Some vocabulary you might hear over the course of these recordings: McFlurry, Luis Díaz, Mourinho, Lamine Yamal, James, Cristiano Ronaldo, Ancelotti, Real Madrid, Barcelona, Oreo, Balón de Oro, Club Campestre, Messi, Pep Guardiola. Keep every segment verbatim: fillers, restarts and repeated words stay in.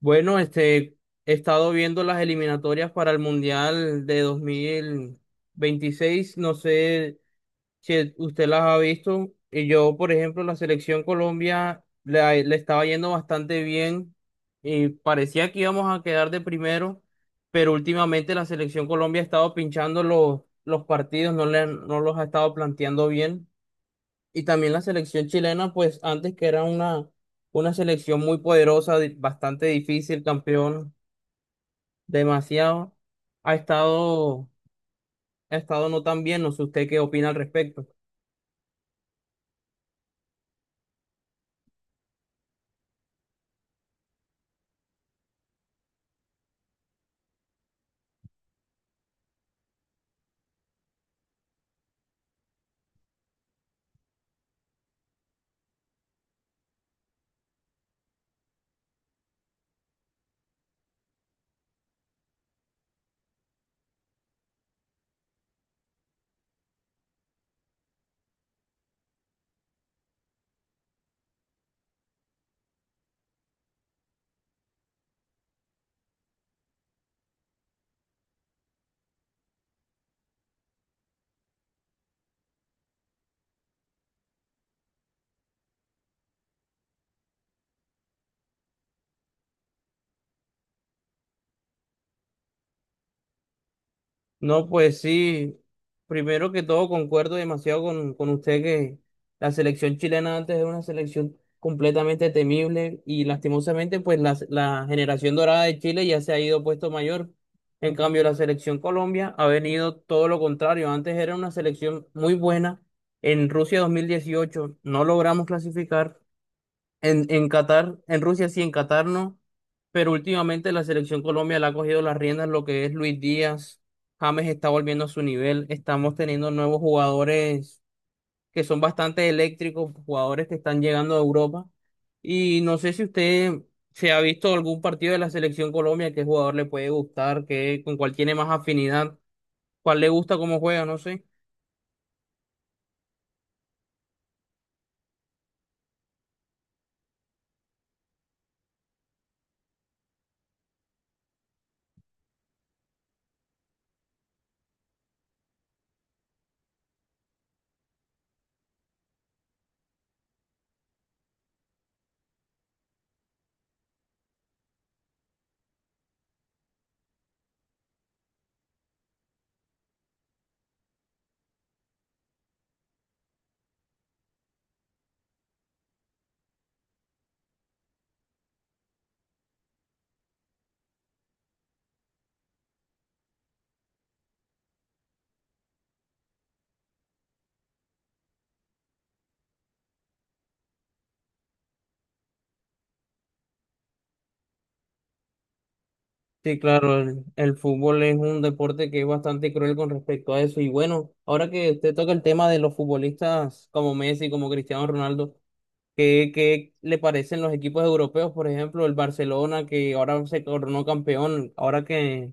Bueno, este, he estado viendo las eliminatorias para el Mundial de dos mil veintiséis. No sé si e, usted las ha visto. Y yo, por ejemplo, la selección Colombia le, le estaba yendo bastante bien y parecía que íbamos a quedar de primero, pero últimamente la selección Colombia ha estado pinchando los, los partidos, no, le, han- no los ha estado planteando bien. Y también la selección chilena, pues antes que era una, una selección muy poderosa, di- bastante difícil, campeón, demasiado, ha estado, ha estado no tan bien. No sé usted qué opina al respecto. No, pues sí, primero que todo concuerdo demasiado con, con usted que la selección chilena antes era una selección completamente temible y lastimosamente pues la, la generación dorada de Chile ya se ha ido puesto mayor. En cambio, la selección Colombia ha venido todo lo contrario. Antes era una selección muy buena. En Rusia dos mil dieciocho no logramos clasificar. En, en Qatar, en Rusia sí, en Qatar no, pero últimamente la selección Colombia le ha cogido las riendas lo que es Luis Díaz, James está volviendo a su nivel, estamos teniendo nuevos jugadores que son bastante eléctricos, jugadores que están llegando a Europa, y no sé si usted se ha visto algún partido de la selección Colombia, qué jugador le puede gustar, qué, con cuál tiene más afinidad, cuál le gusta cómo juega, no sé. Sí, claro, el, el fútbol es un deporte que es bastante cruel con respecto a eso. Y bueno, ahora que usted toca el tema de los futbolistas como Messi, como Cristiano Ronaldo, ¿qué, qué le parecen los equipos europeos? Por ejemplo, el Barcelona, que ahora se coronó campeón, ahora que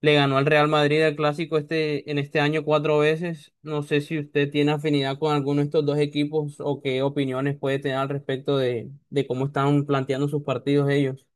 le ganó al Real Madrid el clásico este, en este año cuatro veces. No sé si usted tiene afinidad con alguno de estos dos equipos o qué opiniones puede tener al respecto de, de cómo están planteando sus partidos ellos.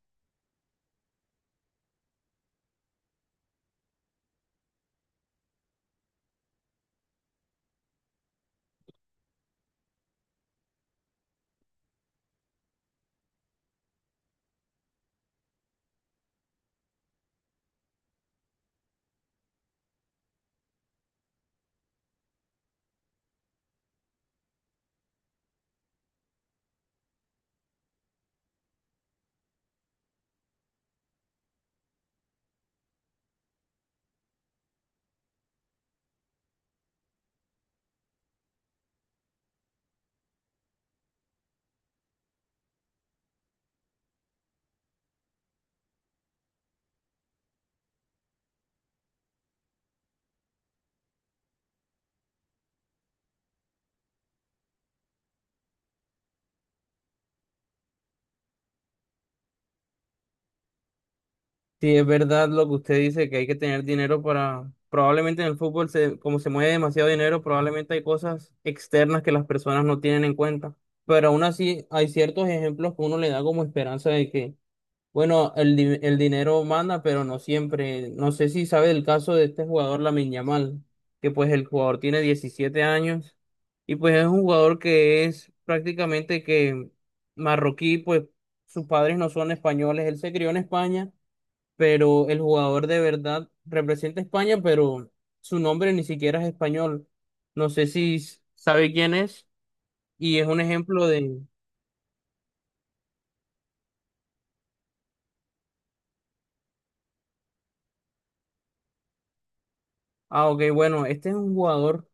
Sí, es verdad lo que usted dice, que hay que tener dinero para, probablemente en el fútbol, se, como se mueve demasiado dinero, probablemente hay cosas externas que las personas no tienen en cuenta. Pero aún así hay ciertos ejemplos que uno le da como esperanza de que, bueno, el, di- el dinero manda, pero no siempre. No sé si sabe el caso de este jugador, Lamine Yamal, que pues el jugador tiene diecisiete años, y pues es un jugador que es prácticamente que marroquí, pues sus padres no son españoles, él se crió en España, pero el jugador de verdad representa a España, pero su nombre ni siquiera es español. No sé si s- sabe quién es, y es un ejemplo de. Ah, ok, bueno, este es un jugador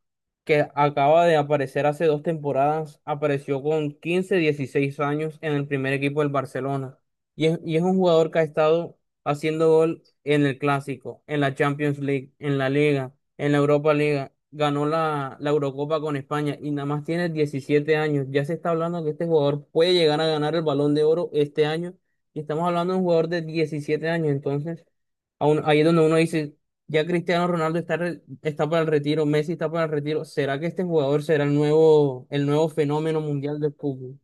que acaba de aparecer hace dos temporadas, apareció con quince, dieciséis años en el primer equipo del Barcelona, y es, y es un jugador que ha estado haciendo gol en el Clásico, en la Champions League, en la Liga, en la Europa Liga, ganó la, la Eurocopa con España, y nada más tiene diecisiete años. Ya se está hablando que este jugador puede llegar a ganar el Balón de Oro este año, y estamos hablando de un jugador de diecisiete años, entonces aún- ahí es donde uno dice ya Cristiano Ronaldo está, re- está para el retiro, Messi está para el retiro. ¿Será que este jugador será el nuevo, el nuevo fenómeno mundial del fútbol?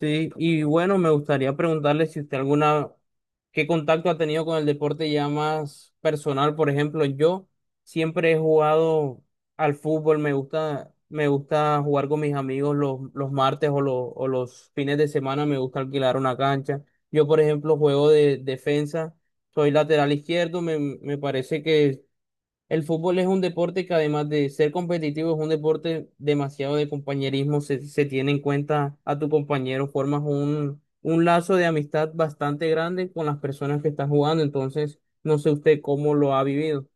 Sí, y bueno, me gustaría preguntarle si usted alguna, qué contacto ha tenido con el deporte ya más personal. Por ejemplo, yo siempre he jugado al fútbol, me gusta, me gusta jugar con mis amigos los, los martes o, los o los fines de semana, me gusta alquilar una cancha. Yo, por ejemplo, juego de defensa, soy lateral izquierdo, me, me parece que el fútbol es un deporte que además de ser competitivo, es un deporte demasiado de compañerismo, se, se tiene en cuenta a tu compañero, formas un, un lazo de amistad bastante grande con las personas que estás jugando, entonces no sé usted cómo lo ha vivido.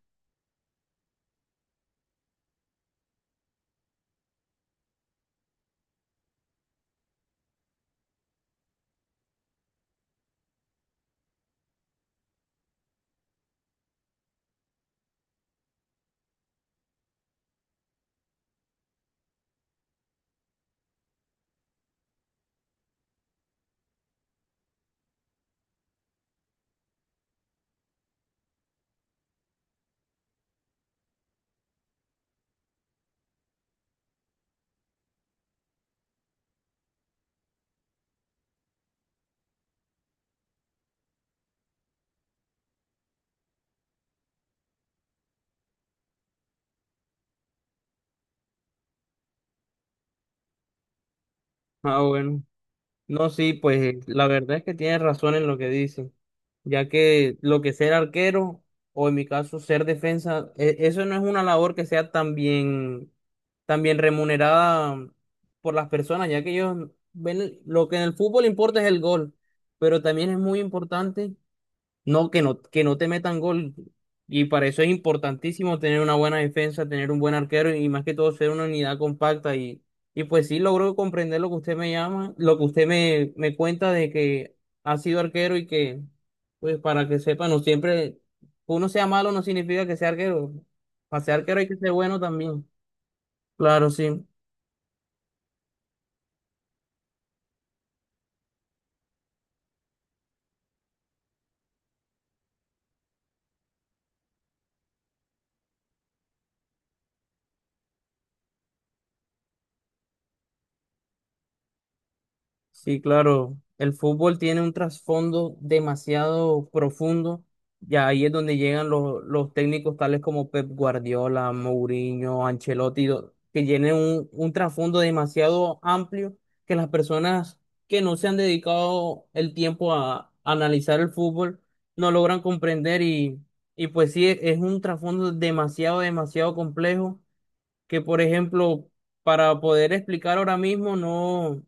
Ah, bueno. No, sí, pues la verdad es que tienes razón en lo que dice, ya que lo que ser arquero o en mi caso ser defensa, e- eso no es una labor que sea tan bien, tan bien remunerada por las personas, ya que ellos ven lo que en el fútbol importa es el gol, pero también es muy importante no, que no, que no te metan gol. Y para eso es importantísimo tener una buena defensa, tener un buen arquero y más que todo ser una unidad compacta. Y, y pues sí logro comprender lo que usted me llama, lo que usted me, me cuenta de que ha sido arquero y que, pues para que sepa, no siempre, uno sea malo no significa que sea arquero. Para ser arquero hay que ser bueno también. Claro, sí. Sí, claro, el fútbol tiene un trasfondo demasiado profundo y ahí es donde llegan los, los técnicos tales como Pep Guardiola, Mourinho, Ancelotti, do- que tienen un, un trasfondo demasiado amplio que las personas que no se han dedicado el tiempo a analizar el fútbol no logran comprender, y, y pues sí, es un trasfondo demasiado, demasiado complejo que, por ejemplo, para poder explicar ahora mismo no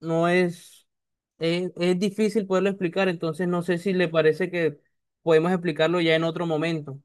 no es, es, es difícil poderlo explicar, entonces no sé si le parece que podemos explicarlo ya en otro momento.